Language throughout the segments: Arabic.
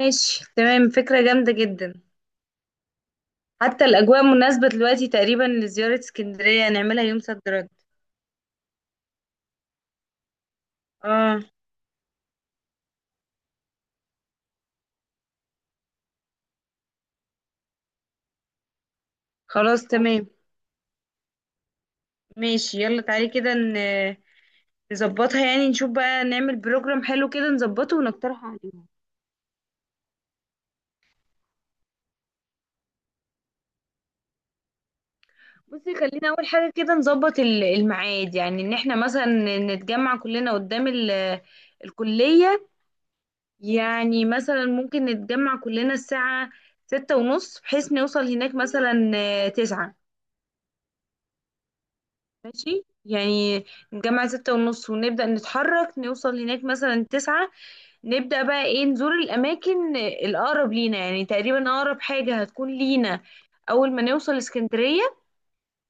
ماشي تمام، فكرة جامدة جدا. حتى الأجواء مناسبة دلوقتي تقريبا لزيارة اسكندرية، نعملها يوم صد رد. اه خلاص تمام. ماشي يلا تعالي كده نظبطها، يعني نشوف بقى نعمل بروجرام حلو كده، نظبطه ونقترحه عليهم. بصي، خلينا أول حاجة كده نظبط الميعاد، يعني إن احنا مثلا نتجمع كلنا قدام الكلية. يعني مثلا ممكن نتجمع كلنا الساعة ستة ونص، بحيث نوصل هناك مثلا تسعة. ماشي يعني، نجمع ستة ونص ونبدأ نتحرك، نوصل هناك مثلا تسعة. نبدأ بقى ايه نزور الأماكن الأقرب لينا، يعني تقريبا أقرب حاجة هتكون لينا أول ما نوصل اسكندرية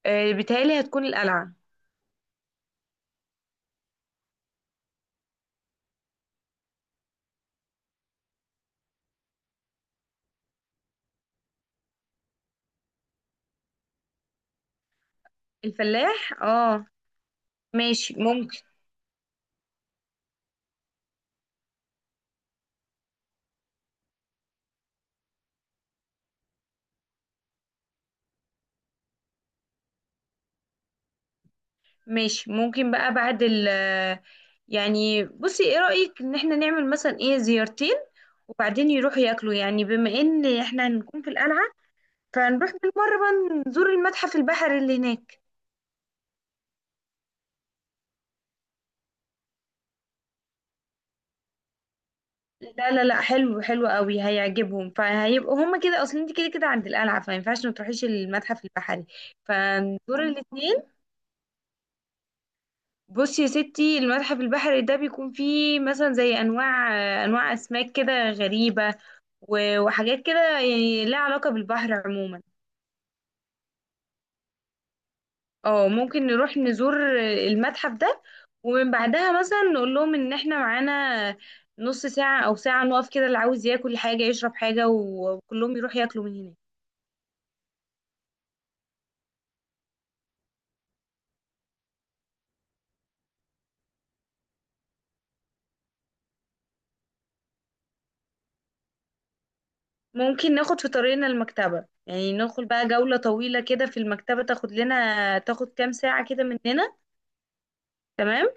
بيتهيألي هتكون القلعة. الفلاح، اه. ماشي ممكن. ماشي ممكن بقى بعد ال، يعني بصي ايه رأيك ان احنا نعمل مثلا ايه زيارتين وبعدين يروحوا ياكلوا، يعني بما ان احنا هنكون في القلعة فنروح بالمرة بقى نزور المتحف البحري اللي هناك. لا لا لا، حلو حلو قوي، هيعجبهم، فهيبقوا هما كده، اصل انت كده كده عند القلعه فما ينفعش ما تروحيش المتحف البحري، فنزور الاثنين. بصي يا ستي، المتحف البحري ده بيكون فيه مثلا زي انواع اسماك كده غريبه، وحاجات كده يعني لها علاقه بالبحر عموما. اه ممكن نروح نزور المتحف ده، ومن بعدها مثلا نقول لهم ان احنا معانا نص ساعه او ساعه نقف كده، اللي عاوز ياكل حاجه يشرب حاجه وكلهم يروح ياكلوا من هناك. ممكن ناخد في طريقنا المكتبة، يعني ناخد بقى جولة طويلة كده في المكتبة، تاخد لنا، تاخد كام ساعة كده مننا. تمام.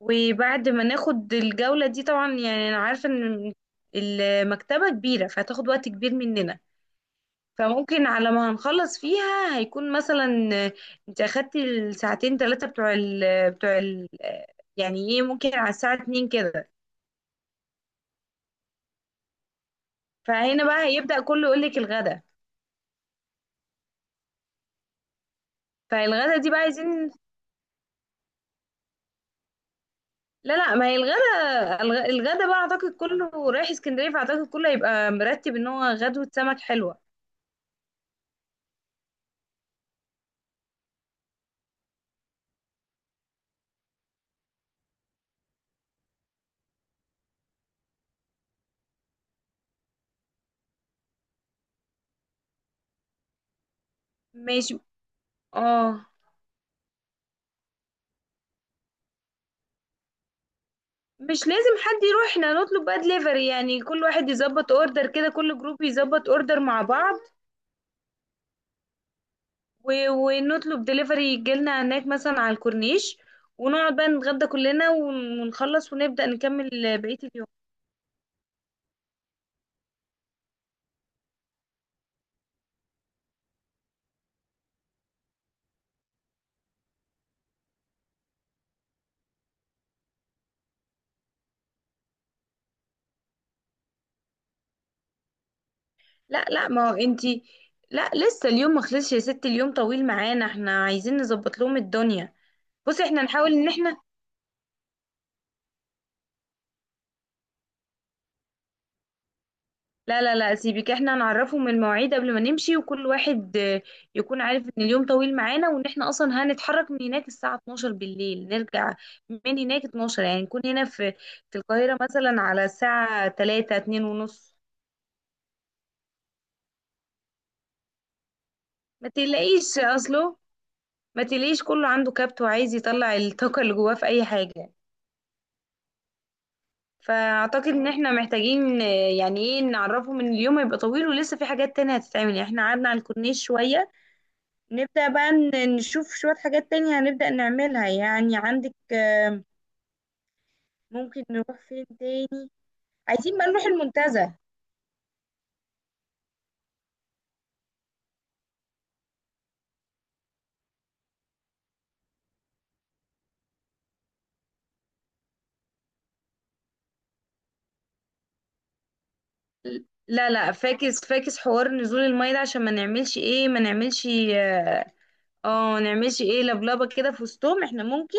وبعد ما ناخد الجولة دي طبعا، يعني أنا عارفة إن المكتبة كبيرة فهتاخد وقت كبير مننا. فممكن على ما هنخلص فيها هيكون مثلا، آه، انت أخدتي الساعتين ثلاثة بتوع ال، بتوع ال آه، يعني ايه، ممكن على الساعة اتنين كده. فهنا بقى هيبدأ كله يقولك الغدا. فالغدا دي بقى عايزين. لا لا، ما هي الغدا، الغدا بقى اعتقد كله رايح اسكندريه، فاعتقد كله هيبقى مرتب ان هو غدوه سمك حلوه. ماشي اه. مش لازم حد يروح، احنا نطلب بقى دليفري، يعني كل واحد يظبط اوردر كده، كل جروب يظبط اوردر مع بعض، و... ونطلب دليفري يجيلنا هناك مثلا على الكورنيش، ونقعد بقى نتغدى كلنا ونخلص ونبدأ نكمل بقية اليوم. لا لا، ما هو انتي، لا لسه اليوم ما خلصش يا ستي، اليوم طويل معانا، احنا عايزين نظبط لهم الدنيا. بصي، احنا نحاول ان احنا، لا لا لا سيبك، احنا نعرفهم المواعيد قبل ما نمشي، وكل واحد يكون عارف ان اليوم طويل معانا، وان احنا اصلا هنتحرك من هناك الساعة 12 بالليل، نرجع من هناك 12، يعني نكون هنا في القاهرة مثلا على الساعة 3 2 ونص. ما تقلقيش اصله، ما تقلقيش، كله عنده كبت وعايز يطلع الطاقة اللي جواه في اي حاجة. فاعتقد ان احنا محتاجين، يعني ايه، نعرفهم ان اليوم هيبقى طويل ولسه في حاجات تانية هتتعمل، يعني احنا قعدنا على الكورنيش شوية، نبدأ بقى نشوف شوية حاجات تانية هنبدأ نعملها، يعني عندك ممكن نروح فين تاني، عايزين بقى نروح المنتزه. لا لا، فاكس فاكس حوار نزول المية ده، عشان ما نعملش ايه، ما نعملش نعملش ايه لبلبة كده في وسطهم، احنا ممكن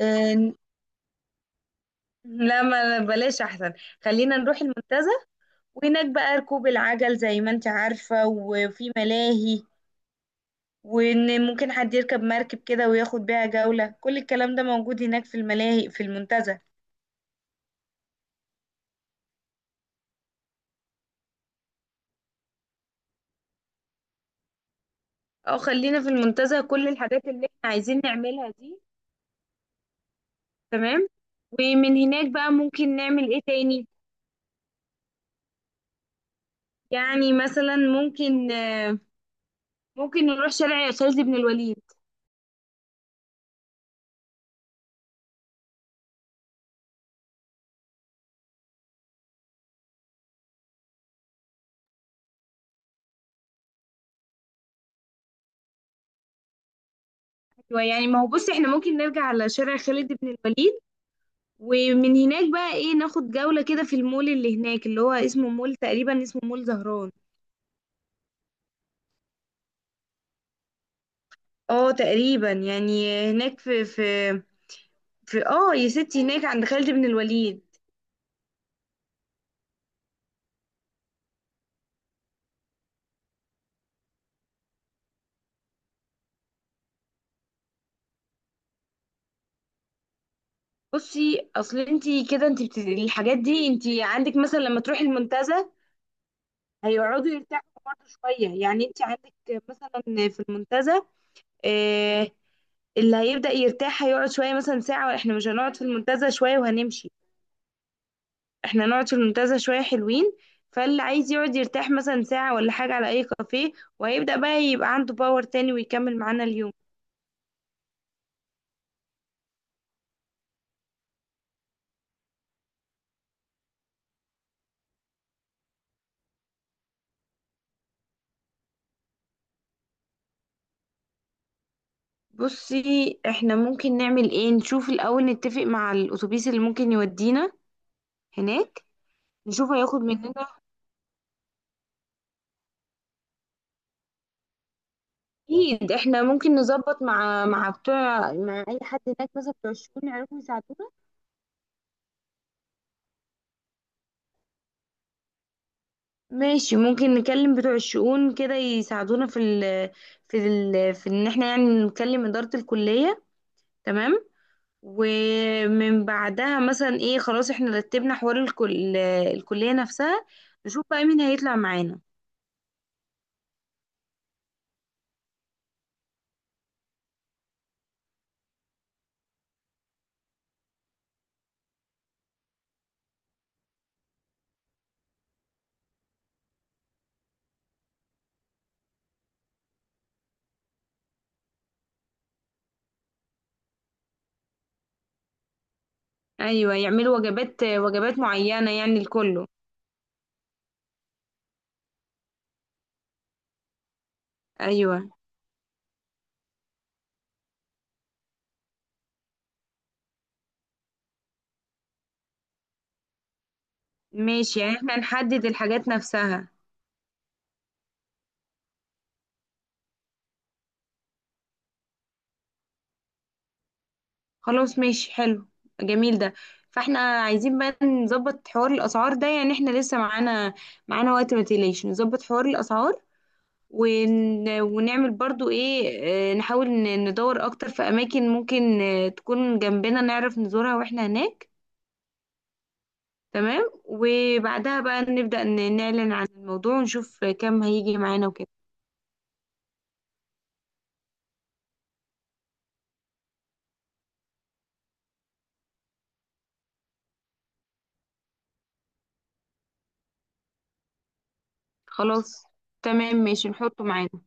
آه، لا ما بلاش احسن. خلينا نروح المنتزه، وهناك بقى ركوب العجل زي ما انت عارفة، وفي ملاهي، وان ممكن حد يركب مركب كده وياخد بيها جولة، كل الكلام ده موجود هناك في الملاهي في المنتزه. اه خلينا في المنتزه كل الحاجات اللي احنا عايزين نعملها دي. تمام. ومن هناك بقى ممكن نعمل ايه تاني، يعني مثلا ممكن نروح شارع خالد بن الوليد. أيوة، يعني ما هو بص، احنا ممكن نرجع على شارع خالد بن الوليد، ومن هناك بقى ايه، ناخد جولة كده في المول اللي هناك، اللي هو اسمه مول، تقريبا اسمه مول زهران. اه تقريبا، يعني هناك في يا ستي، هناك عند خالد بن الوليد. بصي، اصل انتي كده انتي الحاجات دي انتي عندك مثلا لما تروحي المنتزه، هيقعدوا يرتاحوا برضه شويه، يعني انتي عندك مثلا في المنتزه، آه اللي هيبدأ يرتاح هيقعد شويه مثلا ساعه، واحنا مش هنقعد في المنتزه شويه وهنمشي، احنا نقعد في المنتزه شويه حلوين، فاللي عايز يقعد يرتاح مثلا ساعه ولا حاجه على اي كافيه، وهيبدا بقى يبقى عنده باور تاني ويكمل معانا اليوم. بصي، احنا ممكن نعمل ايه، نشوف الاول نتفق مع الاتوبيس اللي ممكن يودينا هناك، نشوف هياخد مننا. اكيد احنا ممكن نظبط مع بتوع، مع اي حد هناك مثلا بتوع الشؤون يعرفوا يساعدونا. ماشي، ممكن نكلم بتوع الشؤون كده يساعدونا في ال، في ان احنا يعني نكلم اداره الكليه. تمام. ومن بعدها مثلا ايه، خلاص احنا رتبنا حوار الكلية نفسها، نشوف بقى مين هيطلع معانا. ايوه يعملوا وجبات معينة يعني لكله. ايوه ماشي، يعني احنا نحدد الحاجات نفسها. خلاص ماشي، حلو، جميل ده. فاحنا عايزين بقى نظبط حوار الاسعار ده، يعني احنا لسه معانا وقت، ما تقلقش نظبط حوار الاسعار، ونعمل برضو ايه، نحاول ندور اكتر في اماكن ممكن تكون جنبنا، نعرف نزورها واحنا هناك. تمام. وبعدها بقى نبدأ نعلن عن الموضوع ونشوف كم هيجي معانا وكده. خلاص تمام ماشي، نحطه معانا.